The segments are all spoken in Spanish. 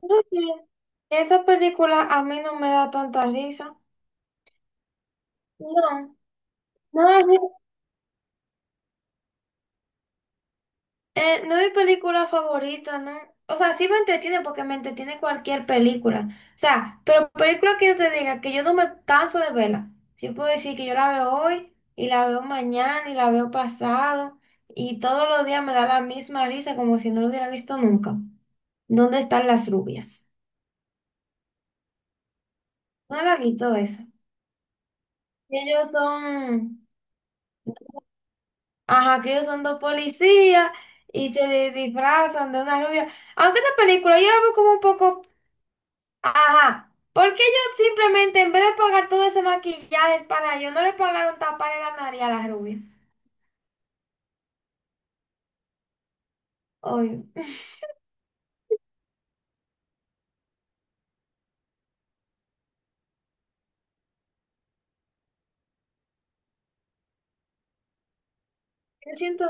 Oye, esa película a mí no me da tanta risa. No, no es mi, no es mi película favorita, ¿no? O sea, sí me entretiene porque me entretiene cualquier película. O sea, pero película que yo te diga que yo no me canso de verla. Yo puedo decir que yo la veo hoy y la veo mañana y la veo pasado y todos los días me da la misma risa como si no lo hubiera visto nunca. ¿Dónde están las rubias? No la he visto esa. Ellos son... Ajá, que ellos son dos policías y disfrazan de una rubia. Aunque esa película yo la veo como un poco, ajá, porque qué ellos simplemente en vez de pagar todo ese maquillaje es para ellos, ¿no le pagaron tapar la nariz a la rubia? Oye, yo siento,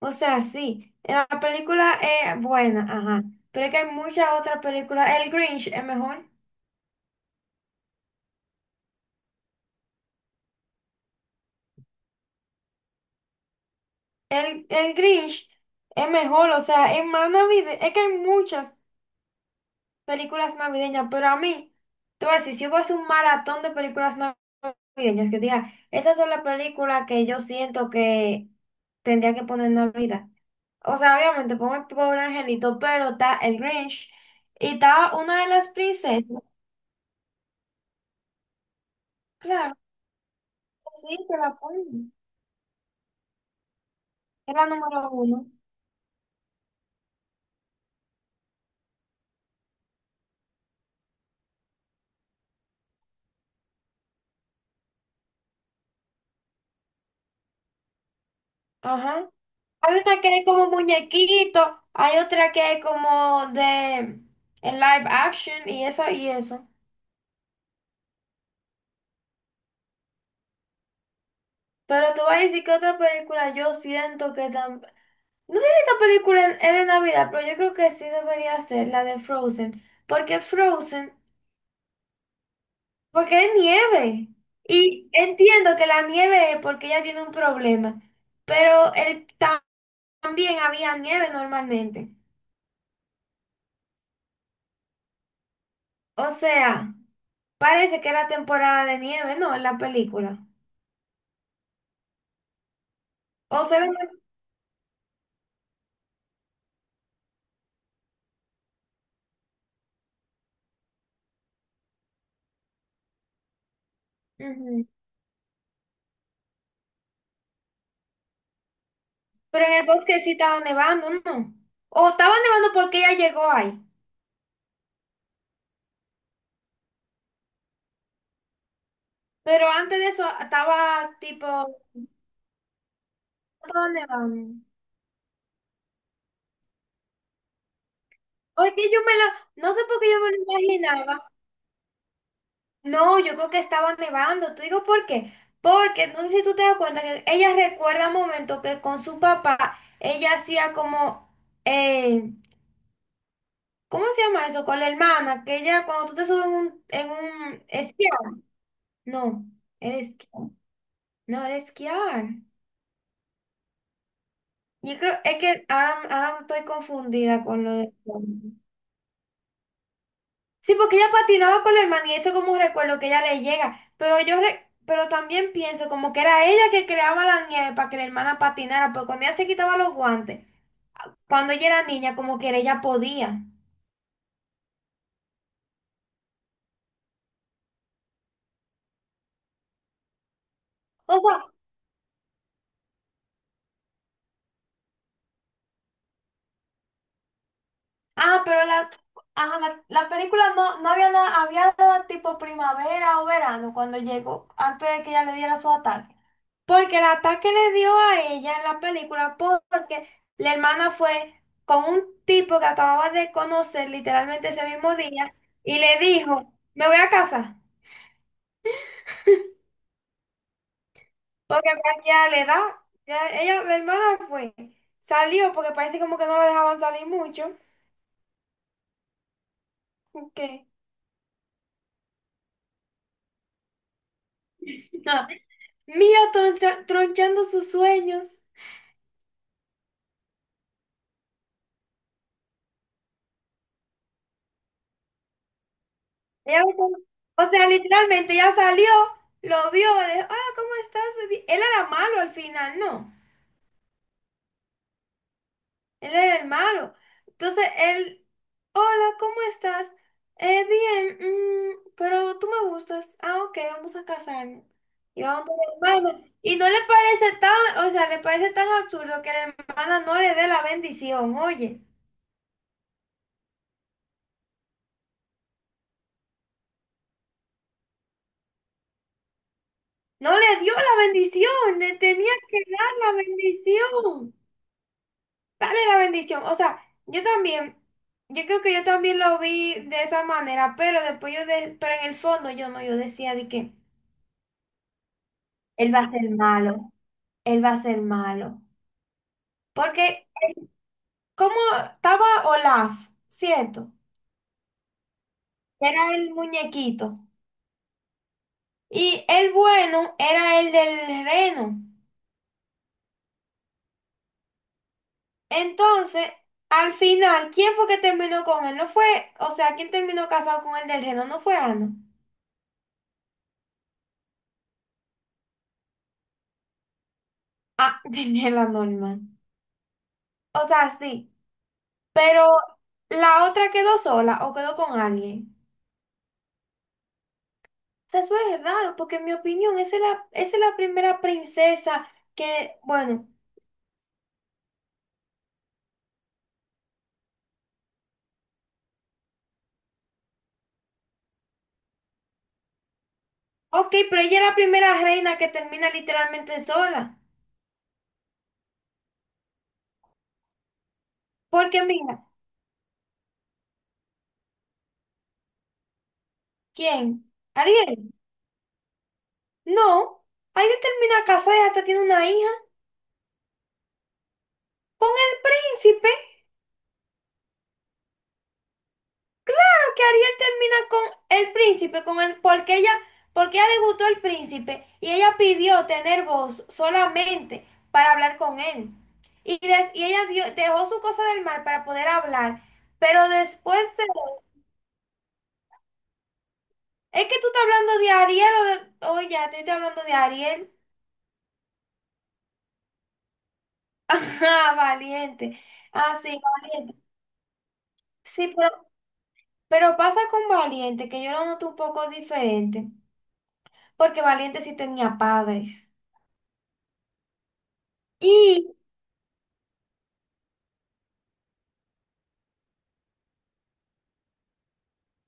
o sea, sí, la película es buena, ajá, pero es que hay muchas otras películas. El Grinch es mejor. El Grinch es mejor, o sea, es más navideño, es que hay muchas películas navideñas, pero a mí, tú ves, si hubo hacer un maratón de películas navideñas, que diga, estas son las películas que yo siento que tendría que poner en Navidad. O sea, obviamente pongo el pobre angelito, pero está el Grinch y está una de las princesas. Claro, sí, te la ponen. Es la número uno. Ajá. Hay una que es como muñequito, hay otra que es como de en live action y eso y eso. Pero tú vas a decir que otra película yo siento que también... No sé si esta película es de Navidad, pero yo creo que sí debería ser la de Frozen. Porque Frozen, porque es nieve. Y entiendo que la nieve es porque ella tiene un problema. Pero él ta- También había nieve normalmente. O sea, parece que era temporada de nieve, ¿no? En la película. O solamente... Ujú. Pero en el bosque sí estaba nevando, ¿no? O estaba nevando porque ella llegó ahí. Pero antes de eso estaba tipo, ¿para dónde vamos? Oye, yo me lo, no sé por qué yo me lo imaginaba. No, yo creo que estaba nevando. ¿Te digo por qué? Porque no sé si tú te das cuenta que ella recuerda momentos que con su papá ella hacía como, eh, ¿cómo se llama eso? Con la hermana, que ella cuando tú te subes en un esquiar. No, era esquiar. No, era esquiar. Yo creo, es que ahora estoy confundida con lo de... Sí, porque ella patinaba con la hermana y eso como un recuerdo que ella le llega. Pero también pienso como que era ella que creaba la nieve para que la hermana patinara, pero cuando ella se quitaba los guantes, cuando ella era niña, como que ella podía. O sea, ah, pero ajá, la película no, no había nada, había nada tipo primavera o verano cuando llegó, antes de que ella le diera su ataque. Porque el ataque le dio a ella en la película porque la hermana fue con un tipo que acababa de conocer literalmente ese mismo día y le dijo, me voy a casa, porque ya le da, ya ella, la hermana fue, salió porque parece como que no la dejaban salir mucho, que mira tronchando sus sueños. Ella me com- O sea, literalmente ya salió, lo vio, le dijo, hola, ¿cómo estás? Bi-". Él era malo al final, no, él era el malo. Entonces él, hola, ¿cómo estás? Bien, mm, pero tú me gustas. Ah, ok, vamos a casarnos. Y vamos con la hermana. Y no le parece tan, o sea, le parece tan absurdo que la hermana no le dé la bendición, oye. No le dio la bendición, le tenía que dar la bendición. Dale la bendición. O sea, yo también, yo creo que yo también lo vi de esa manera, pero después yo, de, pero en el fondo yo no, yo decía de que él va a ser malo, él va a ser malo. Porque como estaba Olaf, ¿cierto? Era el muñequito. Y el bueno era el del reno. Entonces, al final, ¿quién fue que terminó con él? No fue, o sea, ¿quién terminó casado con el del reno? No fue Ana. Ah, tenía la norma. O sea, sí. Pero la otra quedó sola o quedó con alguien. O sea, eso es raro, porque en mi opinión, esa es la primera princesa que, bueno, ok, pero ella es la primera reina que termina literalmente sola. Porque mira, ¿quién? ¿Ariel? No, Ariel termina casada y hasta tiene una hija con el príncipe. ¿Por qué Ariel termina con el príncipe? Con el, porque ella, porque a ella le gustó el príncipe y ella pidió tener voz solamente para hablar con él. Y ella dejó su cosa del mal para poder hablar, pero después de... Es que tú estás hablando de Ariel o de... Oye, ya te estoy hablando de Ariel. Ajá, valiente. Ah, sí, valiente. Sí, pero pasa con valiente, que yo lo noto un poco diferente, porque valiente sí tenía padres. Y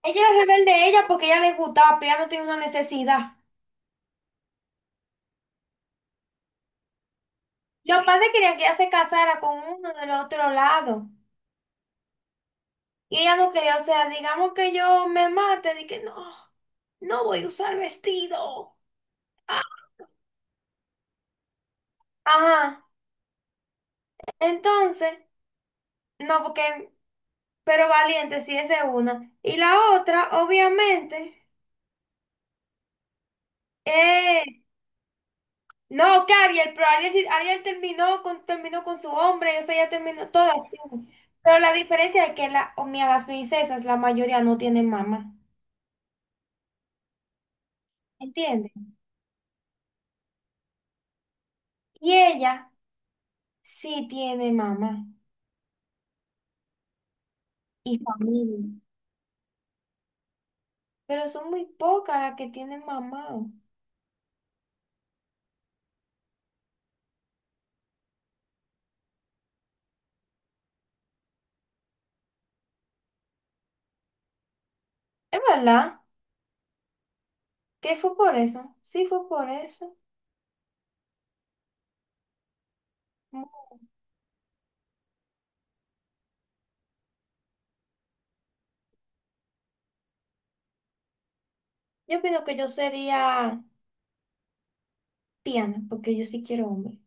Ella era rebelde ella porque ella les gustaba, pero ella no tenía una necesidad. Los padres querían que ella se casara con uno del otro lado. Y ella no quería, o sea, digamos que yo me mate, dije, no, no voy a usar vestido. Ah, ajá. Entonces, no, porque, pero valiente, sí, esa es una. Y la otra, obviamente, es no, que Ariel, Ariel terminó con su hombre, o sea, ya terminó todas. Tienen. Pero la diferencia es que o mira, las princesas, la mayoría no tienen mamá, ¿entiendes? Y ella sí tiene mamá y familia, pero son muy pocas las que tienen mamá. Es verdad, que fue por eso, sí fue por eso. Yo opino que yo sería Tiana, porque yo sí quiero hombre.